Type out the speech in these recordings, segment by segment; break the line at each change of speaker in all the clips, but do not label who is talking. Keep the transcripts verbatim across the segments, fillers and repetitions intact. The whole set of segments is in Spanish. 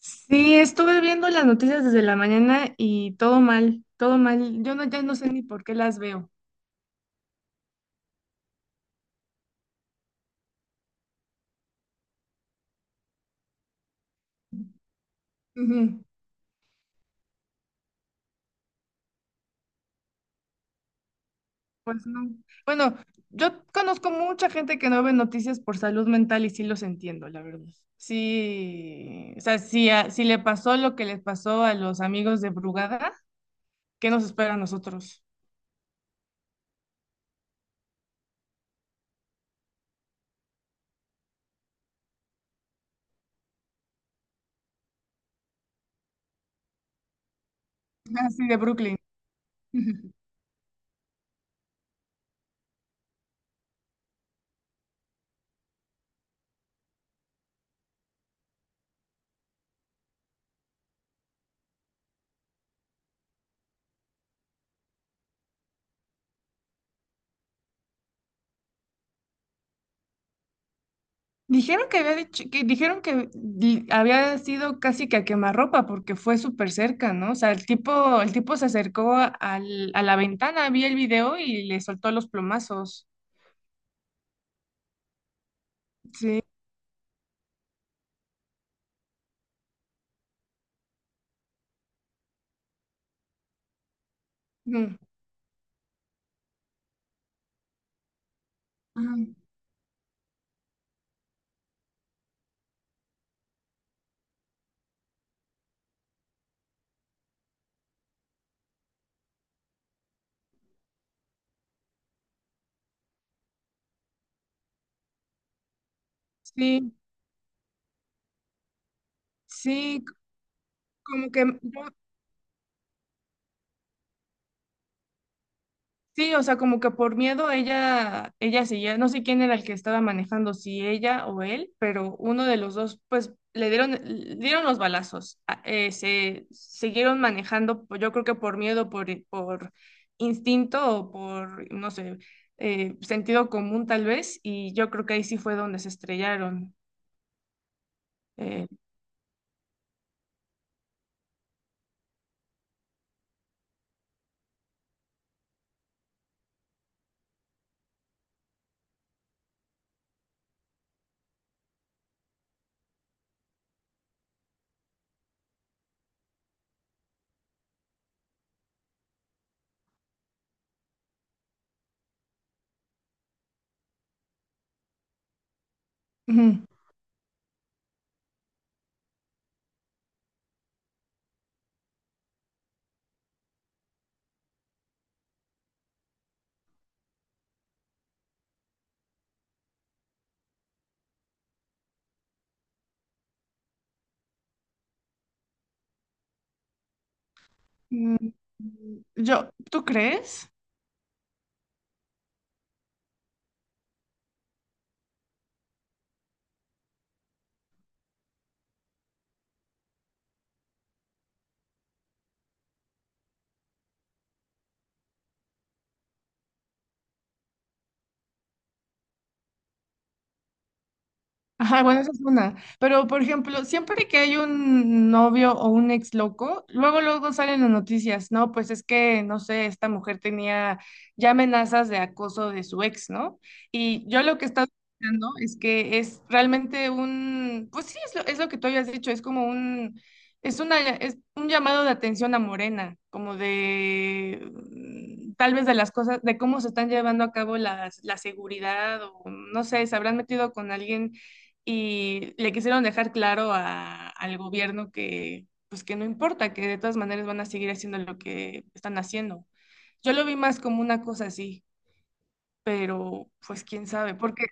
Sí, estuve viendo las noticias desde la mañana y todo mal, todo mal. Yo no, ya no sé ni por qué las veo. Ujú. Pues no. Bueno, yo conozco mucha gente que no ve noticias por salud mental y sí los entiendo, la verdad. Sí, o sea, si, a- si le pasó lo que les pasó a los amigos de Brugada, ¿qué nos espera a nosotros? Así de Brooklyn. Dijeron que había dicho, que dijeron que di- Había sido casi que a quemarropa porque fue súper cerca, ¿no? O sea, el tipo, el tipo se acercó a, al- a la ventana, vi el video y le soltó los plomazos. Sí. Mm. Ay, Sí, sí, como que yo, sí, o sea, como que por miedo ella, ella seguía, no sé quién era el que estaba manejando, si ella o él, pero uno de los dos, pues le dieron, le dieron los balazos, a- eh, se siguieron manejando, pues, yo creo que por miedo, por, por instinto o por, no sé, eh, sentido común tal vez, y yo creo que ahí sí fue donde se estrellaron. eh. Ujú. Mm, Yo, ¿tú crees? Ajá, bueno, esa es una. Pero, por ejemplo, siempre que hay un novio o un ex loco, luego, luego salen las noticias, ¿no? Pues es que, no sé, esta mujer tenía ya amenazas de acoso de su ex, ¿no? Y yo lo que he estado pensando es que es realmente un, pues sí, es lo, es lo que tú habías dicho, es como un, es una, es un llamado de atención a Morena, como de, mm, tal vez de las cosas, de cómo se están llevando a cabo las, la seguridad, o no sé, se habrán metido con alguien y le quisieron dejar claro a- al gobierno que, pues que no importa, que de todas maneras van a seguir haciendo lo que están haciendo. Yo lo vi más como una cosa así, pero pues quién sabe, porque…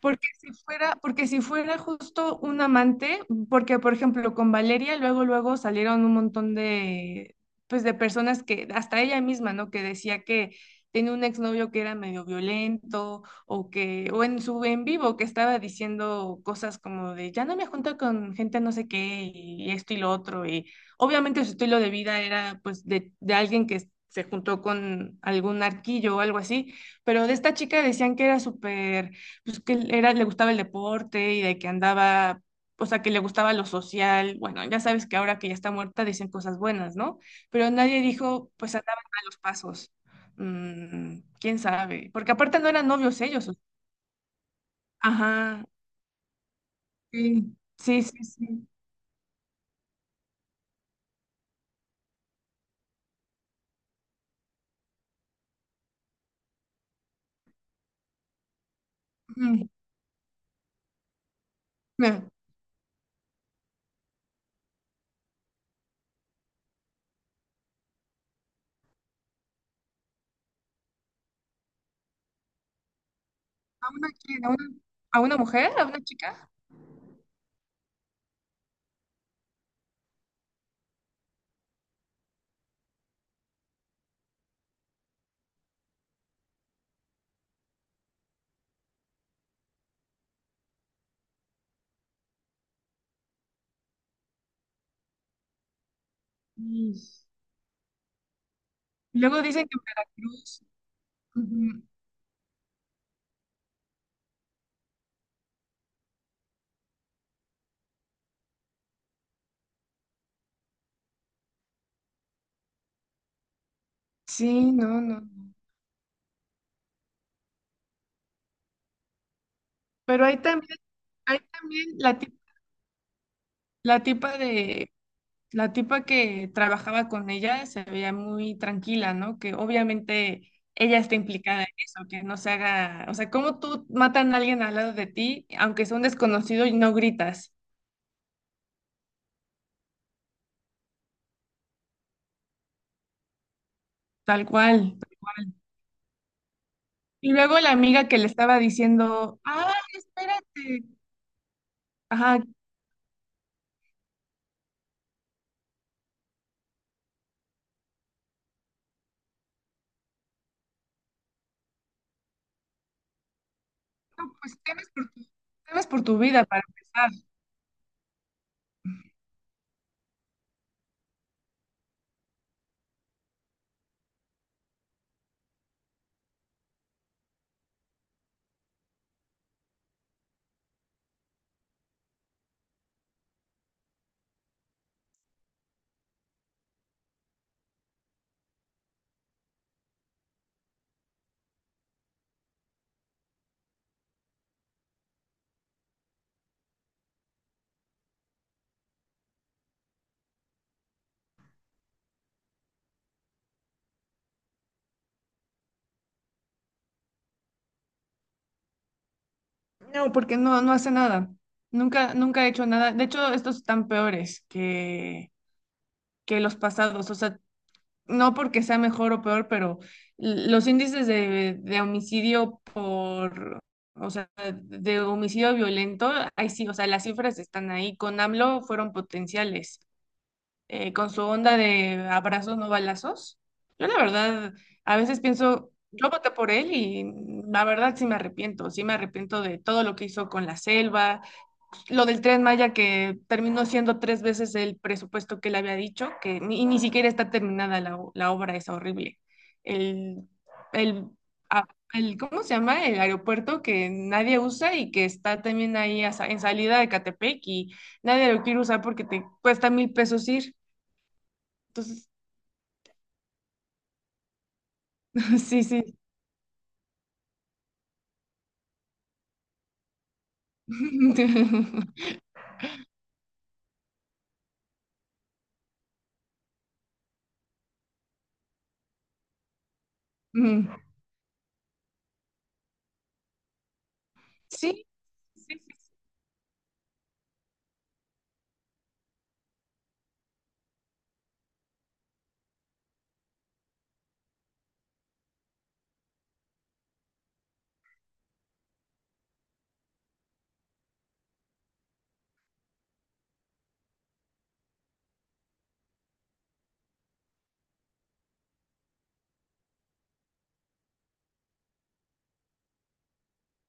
Porque si fuera, porque si fuera justo un amante, porque por ejemplo con Valeria luego luego salieron un montón de pues de personas que hasta ella misma, ¿no? Que decía que tenía un exnovio que era medio violento o que o en su en vivo, que estaba diciendo cosas como de ya no me junto con gente no sé qué y esto y lo otro, y obviamente su estilo de vida era pues de, de alguien que se juntó con algún arquillo o algo así, pero de esta chica decían que era súper, pues que él era, le gustaba el deporte y de que andaba, o sea, que le gustaba lo social. Bueno, ya sabes que ahora que ya está muerta dicen cosas buenas, ¿no? Pero nadie dijo, pues andaban a los pasos. Mm, quién sabe, porque aparte no eran novios ellos. o- Ajá, sí, sí, sí, sí. Ujú. Mira, ¿a una, qui- a una, a una mujer? ¿A una chica? Y Luego dicen que en Veracruz. Ujú, sí, no, no. no. Pero hay también, hay también la, tip- la tipa de la tipa que trabajaba con ella se veía muy tranquila, ¿no? Que obviamente ella está implicada en eso, que no se haga, o sea, ¿cómo tú matan a alguien al lado de ti, aunque sea un desconocido y no gritas? Tal cual, tal cual. Y luego la amiga que le estaba diciendo, ah, espérate, ajá, no, pues temes por tu, temes por tu vida para empezar. No, porque no, no hace nada. Nunca, nunca he hecho nada. De hecho, estos están peores que, que los pasados. O sea, no porque sea mejor o peor, pero los índices de, de homicidio por, o sea, de homicidio violento, ahí sí, o sea, las cifras están ahí. Con AMLO fueron potenciales. Eh, con su onda de abrazos no balazos, yo la verdad, a veces pienso, yo voté por él y la verdad sí me arrepiento, sí me arrepiento de todo lo que hizo con la selva, lo del Tren Maya que terminó siendo tres veces el presupuesto que le había dicho, que ni, y ni siquiera está terminada la, o- la obra, es horrible. El, el, a- el- ¿Cómo se llama? El aeropuerto que nadie usa y que está también ahí a sa- en salida de Catepec y nadie lo quiere usar porque te cuesta mil pesos ir. Entonces, sí, sí. Mm, sí, sí, sí. Sí.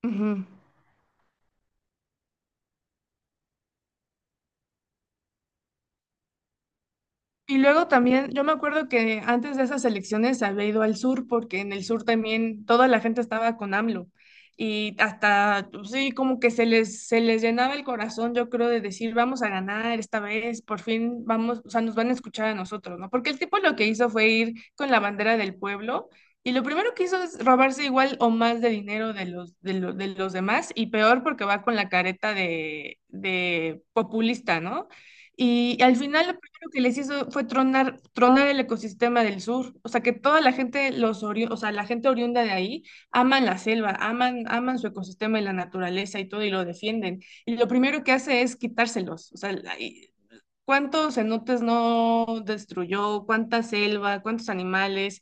Ujú. Y luego también, yo me acuerdo que antes de esas elecciones había ido al sur porque en el sur también toda la gente estaba con AMLO y hasta, pues sí, como que se les, se les llenaba el corazón, yo creo, de decir, vamos a ganar esta vez, por fin vamos, o sea, nos van a escuchar a nosotros, ¿no? Porque el tipo lo que hizo fue ir con la bandera del pueblo y lo primero que hizo es robarse igual o más de dinero de los, de lo- de los demás, y peor porque va con la careta de, de populista, ¿no? Y al final lo que les hizo fue tronar, tronar el ecosistema del sur. O sea, que toda la gente, los ori- o sea, la gente oriunda de ahí, aman la selva, aman, aman su ecosistema y la naturaleza y todo, y lo defienden. Y lo primero que hace es quitárselos. O sea, la- y- ¿cuántos cenotes no destruyó? ¿Cuánta selva? ¿Cuántos animales?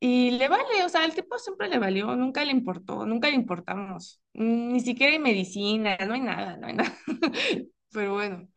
Y le vale, o sea, al tipo siempre le valió, nunca le importó, nunca le importamos. Ni siquiera hay medicina, no hay nada, no hay nada. Pero bueno,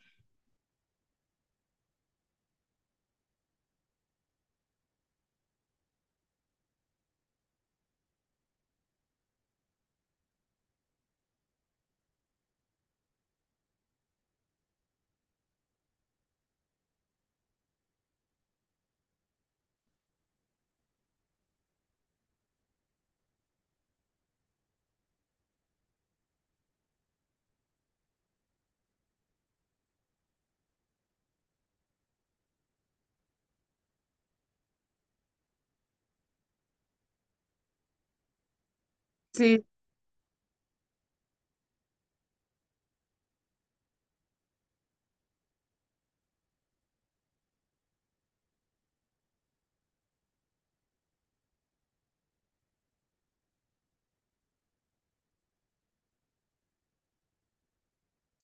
sí,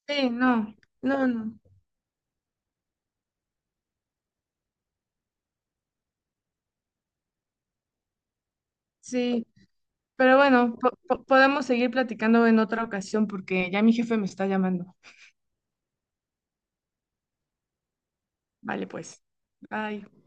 sí, no, no, no, sí. Pero bueno, po- po- podemos seguir platicando en otra ocasión porque ya mi jefe me está llamando. Vale, pues. Bye.